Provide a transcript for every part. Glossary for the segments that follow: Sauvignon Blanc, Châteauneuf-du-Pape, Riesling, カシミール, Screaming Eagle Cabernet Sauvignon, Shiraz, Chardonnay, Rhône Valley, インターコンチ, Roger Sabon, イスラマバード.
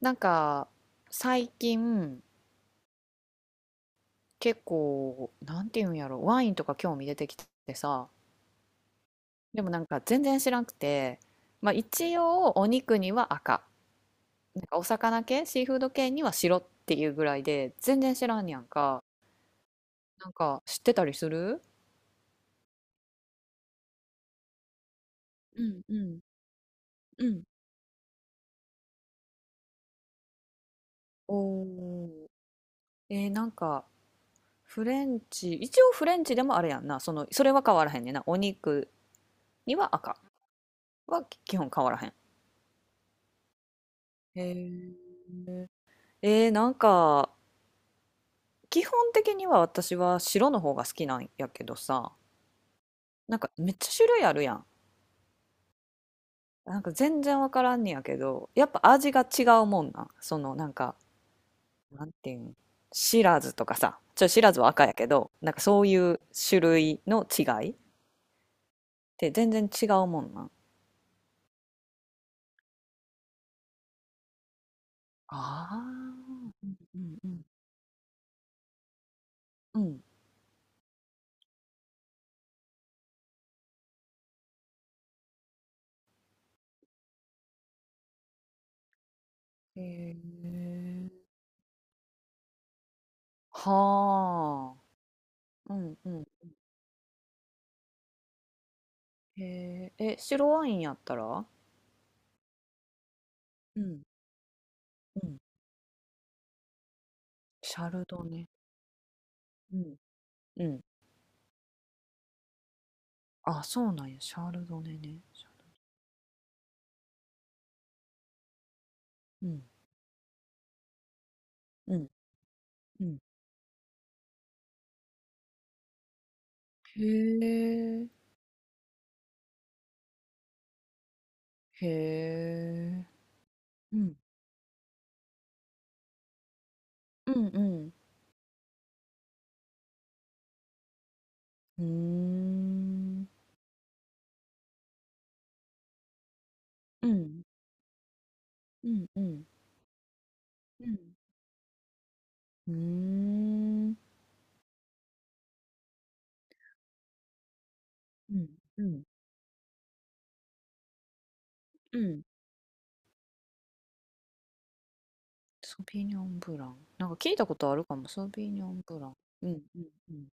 なんか最近結構なんていうんやろ、ワインとか興味出てきてさ、でもなんか全然知らなくて、まあ、一応お肉には赤、なんかお魚系シーフード系には白っていうぐらいで全然知らんやんか。なんか知ってたりする？うんうんうん。おー。なんか、フレンチ一応フレンチでもあれやんな、そのそれは変わらへんねんな。お肉には赤は基本変わらへん。へー。なんか基本的には私は白の方が好きなんやけどさ、なんかめっちゃ種類あるやん。なんか全然わからんねやけど、やっぱ味が違うもんなん。そのなんか、なんていうん、シラズとかさ、シラズは赤やけど、なんかそういう種類の違いって全然違うもんなん。ああ、うんうん。うん。へえ。はあ。うんうん。へえ。え、白ワインやったら、うんうん。シャルドネ。うん。うん。あ、そうなんや。シャルドネね。シャルうん。うん。うん。へえ。へえ。うん。うんうん。うーん。うん。うんうん。うん。うーん。うん。うん。うん。ソビニョンブラン。なんか聞いたことあるかも。ソビニョンブラン。うんうんうん。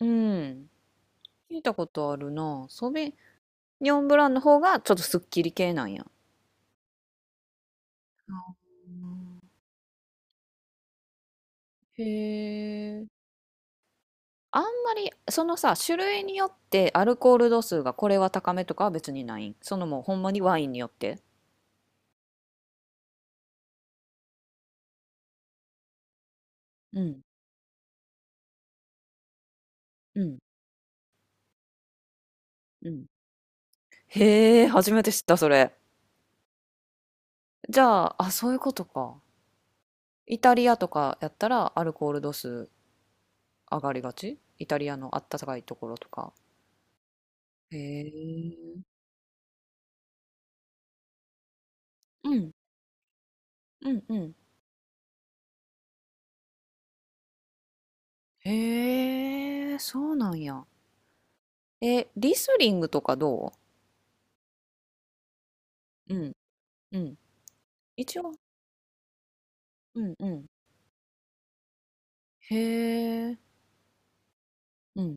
うん。聞いたことあるな。ソビニョンブランの方がちょっとすっきり系なんや。うん。へえ。あんまりそのさ、種類によってアルコール度数がこれは高めとかは別にないん、そのもうほんまにワインによって、うんうんうん。へえ、初めて知ったそれ。じゃあ、あ、そういうことか。イタリアとかやったらアルコール度数上がりがち、イタリアのあったかいところとか。へえ。うんうんうん。へえ、そうなんや。え、リスリングとかどう？うんうん、一応、うんうん、へえ、うん。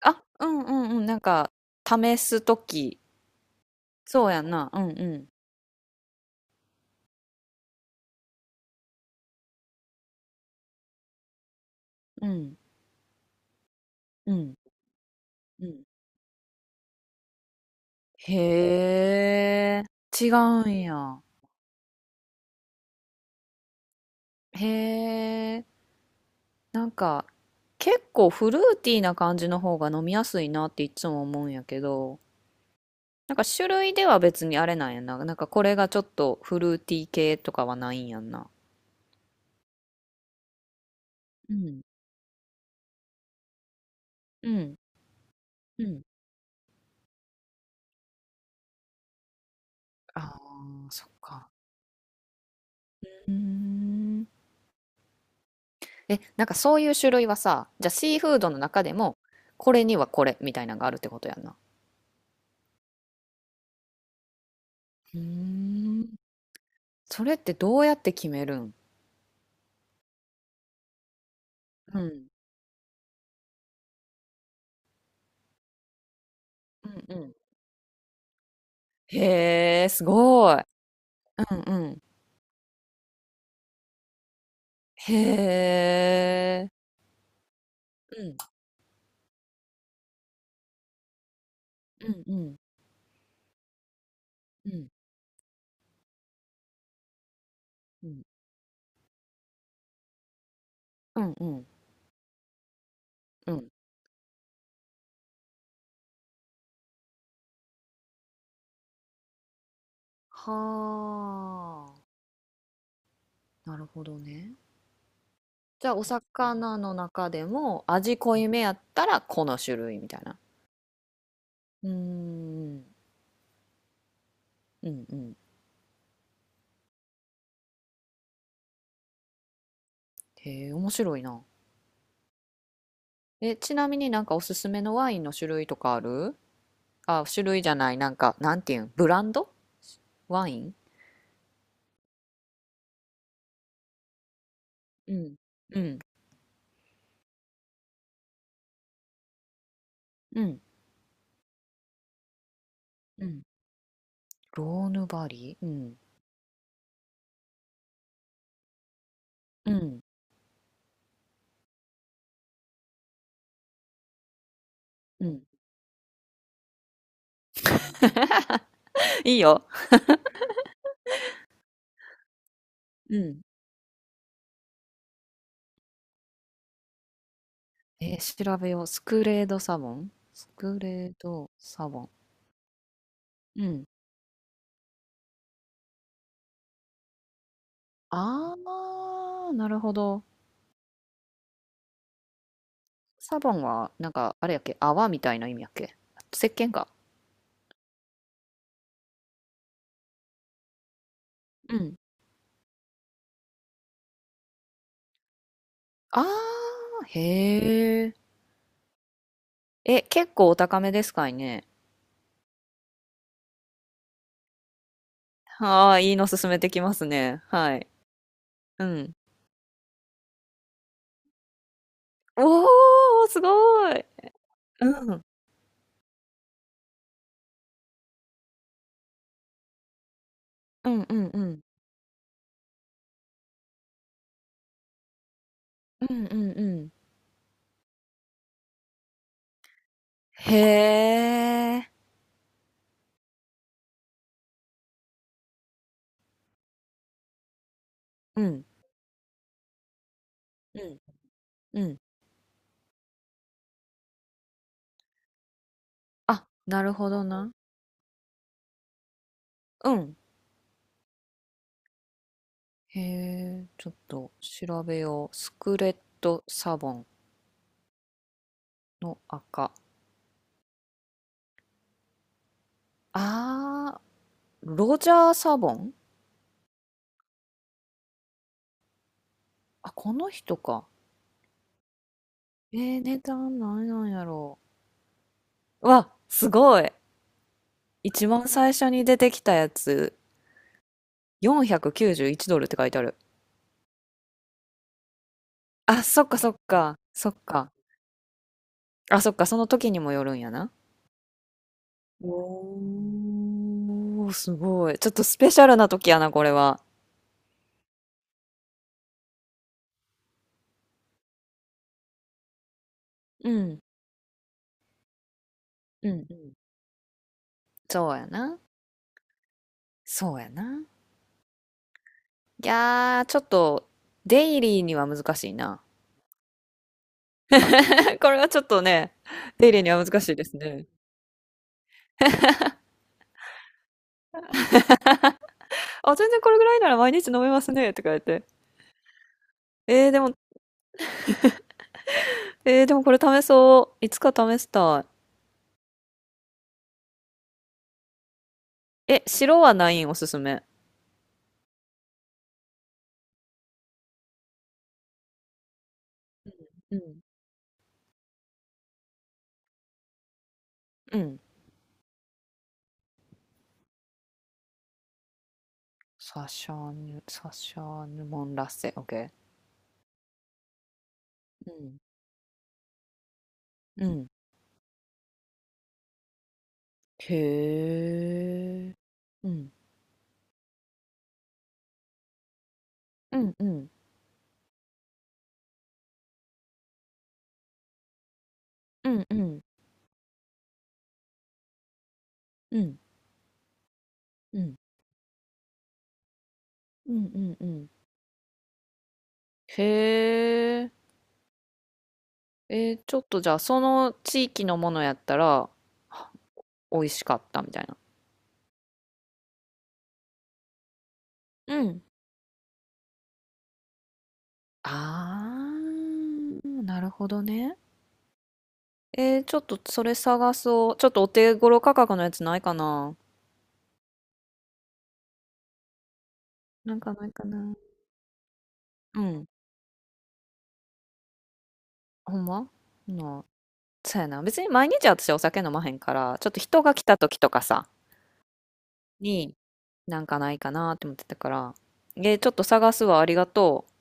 あ、うんうんうん、なんか、試すとき。そうやんな。うんうん。うん。うん。うん。へえ。違うんや。へえ。なんか、結構フルーティーな感じの方が飲みやすいなっていつも思うんやけど、なんか種類では別にあれなんやな。なんかこれがちょっとフルーティー系とかはないんやんな。うん。うん。うん。ああ、そっか。うーん。え、なんかそういう種類はさ、じゃあシーフードの中でも、これにはこれみたいなのがあるってことやんな。うーん。それってどうやって決めるん？うん。うんうん。へえ、すごい。うんうん。へえ。うんうんうん。うんうんうんうん。うん。はあ。なるほどね。じゃあお魚の中でも味濃いめやったらこの種類みたいな。うーん。うんうん。へえ、面白いな。え、ちなみになんかおすすめのワインの種類とかある？あ、種類じゃない、なんか、なんていうん、ブランドワイン。うん。うん。うん。うん。ローヌバリー、うん。うん。うん。いいよ。うん。え、調べよう。スクレードサボン、スクレードサボン。うん。あー、なるほど。サボンは、なんか、あれやっけ、泡みたいな意味やっけ、石鹸か。うん。あー、へー。え、結構お高めですかいね？はあ、いいの勧めてきますね。はい。うん。おお、すごい。うん。うんうんうん。うんうんうん。へえ。うん。うんうん。あ、なるほどな。うん。へえ、ちょっと調べよう。スクレットサボンの赤。あー、ロジャーサボン。あ、この人か。値段何なんやろう。わ、すごい。一番最初に出てきたやつ。491ドルって書いてある。あ、そっかそっか。そっか。あ、そっか。その時にもよるんやな。おー、すごい。ちょっとスペシャルな時やな、これは。うん、うん、うん。そうやな。そうやな。いやー、ちょっと、デイリーには難しいな。これはちょっとね、デイリーには難しいですね。あ、全然これぐらいなら毎日飲めますね、って書って。えー、でも、でもこれ試そう。いつか試したい。え、白はないん、おすすめ？うん。うん。サシャーヌ、サシャーヌ・モン・ラッセ、オッケー。うん。うん。へえ。うん。うんうん。うんうん。うん。うん。うんうんうん。へえ。えー、ちょっとじゃあ、その地域のものやったら美味しかったみたいな。うん。あー、なるほどね。えー、ちょっとそれ探そう。ちょっとお手頃価格のやつないかな。なんかないかな。うん。ほんまなあ、そうやな。別に毎日私お酒飲まへんから、ちょっと人が来た時とかさ、に、なんかないかなって思ってたから、ちょっと探すわ、ありがとう。